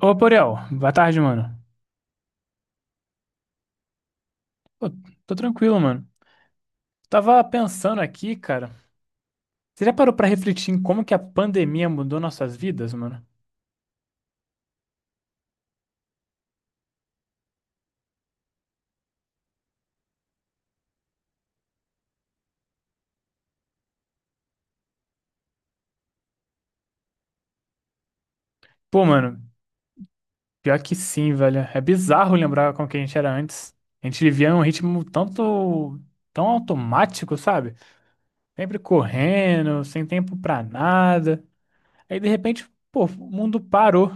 Ô, Borel, boa tarde, mano. Pô, tô tranquilo, mano. Tava pensando aqui, cara. Você já parou pra refletir em como que a pandemia mudou nossas vidas, mano? Pô, mano, pior que sim, velho. É bizarro lembrar como que a gente era antes. A gente vivia um ritmo tanto, tão automático, sabe? Sempre correndo, sem tempo pra nada. Aí, de repente, pô, o mundo parou.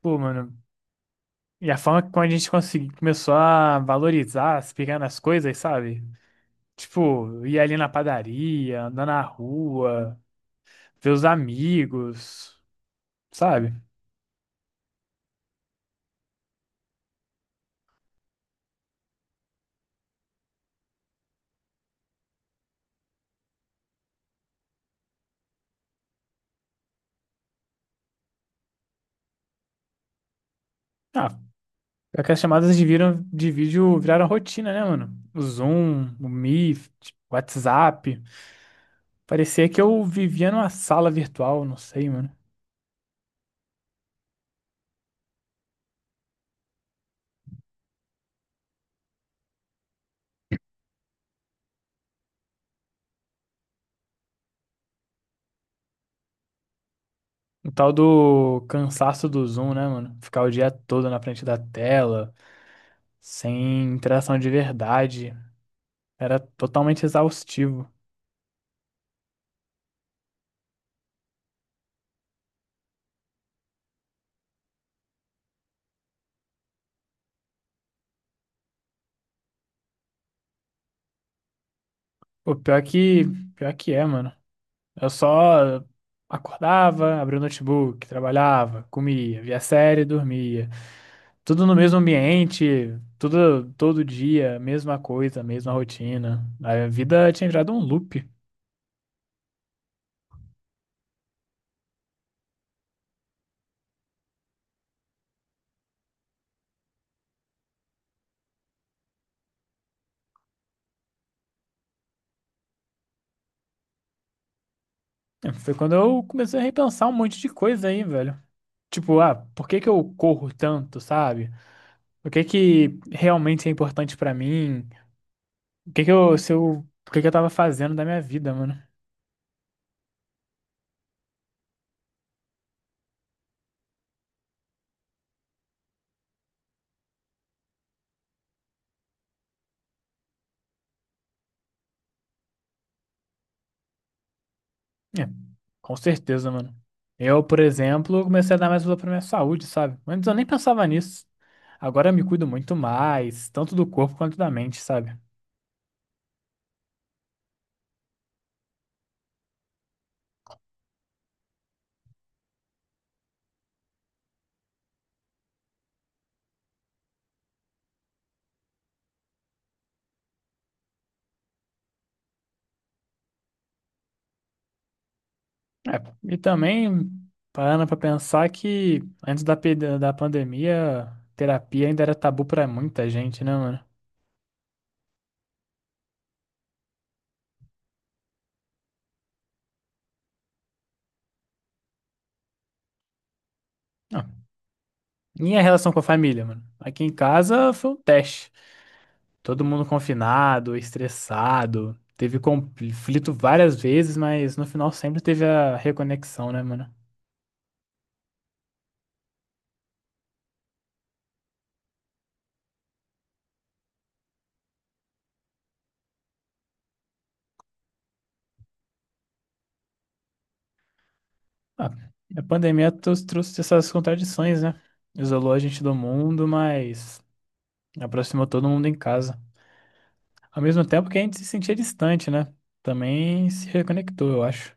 Pô, mano. E a forma como começou a valorizar as pequenas coisas, sabe? Tipo, ir ali na padaria, andar na rua, ver os amigos, sabe? Ah, é que as chamadas de, viram, de vídeo viraram rotina, né, mano? O Zoom, o Meet, o WhatsApp. Parecia que eu vivia numa sala virtual, não sei, mano. O tal do cansaço do Zoom, né, mano? Ficar o dia todo na frente da tela, sem interação de verdade. Era totalmente exaustivo. O pior que, pior que é, mano. Eu só acordava, abria o notebook, trabalhava, comia, via série, dormia. Tudo no mesmo ambiente, tudo todo dia, mesma coisa, mesma rotina. A vida tinha virado um loop. Foi quando eu comecei a repensar um monte de coisa aí, velho. Tipo, ah, por que que eu corro tanto, sabe? O que que realmente é importante pra mim? O que que eu, se eu, o que que eu tava fazendo da minha vida, mano? É, com certeza, mano. Eu, por exemplo, comecei a dar mais valor pra minha saúde, sabe? Antes eu nem pensava nisso. Agora eu me cuido muito mais, tanto do corpo quanto da mente, sabe? É, e também, parando pra pensar que da pandemia, terapia ainda era tabu pra muita gente, né, mano? Ah, minha relação com a família, mano. Aqui em casa foi um teste. Todo mundo confinado, estressado. Teve conflito várias vezes, mas no final sempre teve a reconexão, né, mano? Ah, a pandemia trouxe essas contradições, né? Isolou a gente do mundo, mas aproximou todo mundo em casa. Ao mesmo tempo que a gente se sentia distante, né? Também se reconectou, eu acho.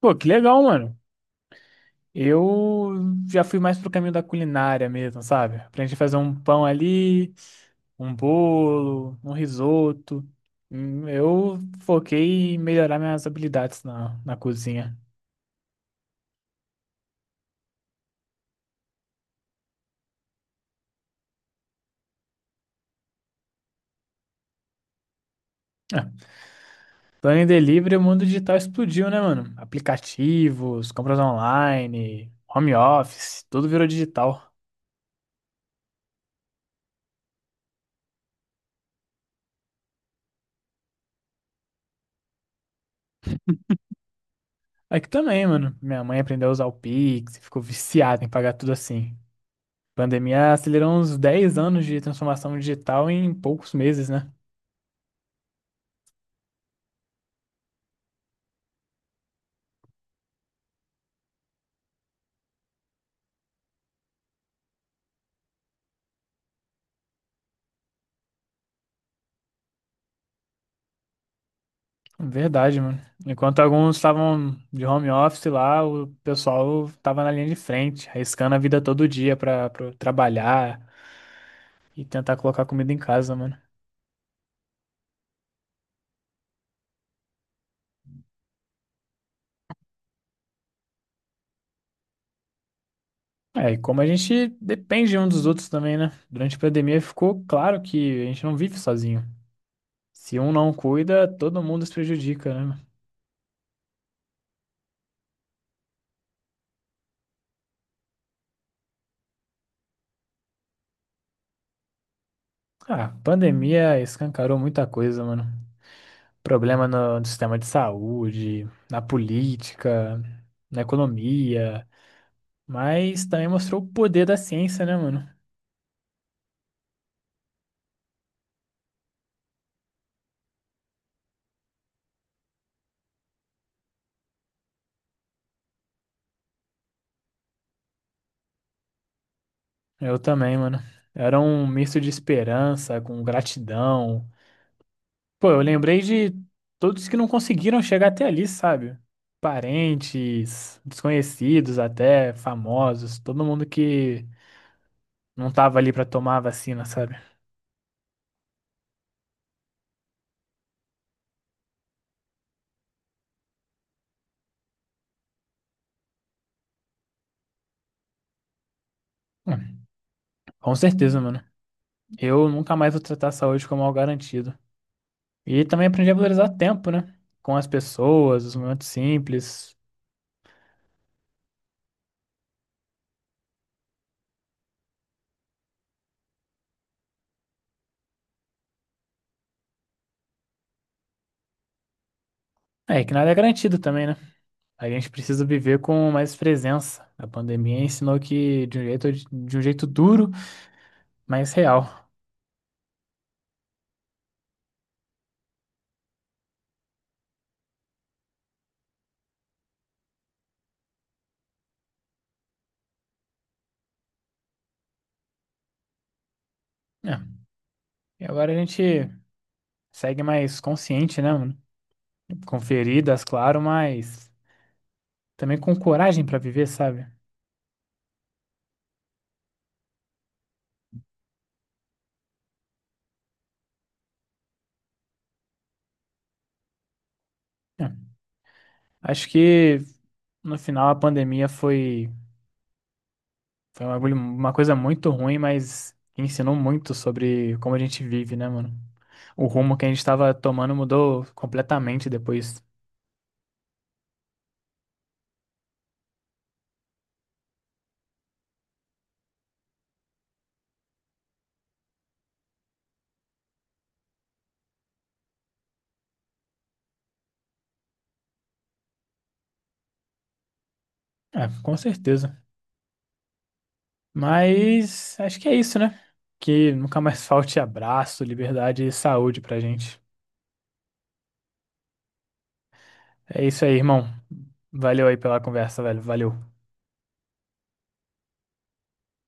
Pô, que legal, mano. Eu já fui mais pro caminho da culinária mesmo, sabe? Aprendi a fazer um pão ali, um bolo, um risoto. Hum. Eu foquei em melhorar minhas habilidades na cozinha. Ah, Plano em delivery, o mundo digital explodiu, né, mano? Aplicativos, compras online, home office, tudo virou digital. Aqui também, mano. Minha mãe aprendeu a usar o Pix, e ficou viciada em pagar tudo assim. Pandemia acelerou uns 10 anos de transformação digital em poucos meses, né? Verdade, mano. Enquanto alguns estavam de home office lá, o pessoal tava na linha de frente, arriscando a vida todo dia pra trabalhar e tentar colocar comida em casa, mano. É, e como a gente depende um dos outros também, né? Durante a pandemia ficou claro que a gente não vive sozinho. Se um não cuida, todo mundo se prejudica, né? Ah, a pandemia escancarou muita coisa, mano. Problema no sistema de saúde, na política, na economia, mas também mostrou o poder da ciência, né, mano? Eu também, mano. Era um misto de esperança com gratidão. Pô, eu lembrei de todos que não conseguiram chegar até ali, sabe? Parentes, desconhecidos até, famosos, todo mundo que não tava ali pra tomar a vacina, sabe? Hum, com certeza, mano. Eu nunca mais vou tratar a saúde como algo garantido. E também aprendi a valorizar o tempo, né? Com as pessoas, os momentos simples. É que nada é garantido também, né? A gente precisa viver com mais presença. A pandemia ensinou que de um jeito duro, mas real. É. E agora a gente. Segue mais consciente, né, mano? Com feridas, claro, mas também com coragem pra viver, sabe? É. Acho que no final foi uma coisa muito ruim, mas que ensinou muito sobre como a gente vive, né, mano? O rumo que a gente tava tomando mudou completamente depois. É, com certeza. Mas acho que é isso, né? Que nunca mais falte abraço, liberdade e saúde pra gente. É isso aí, irmão. Valeu aí pela conversa, velho. Valeu.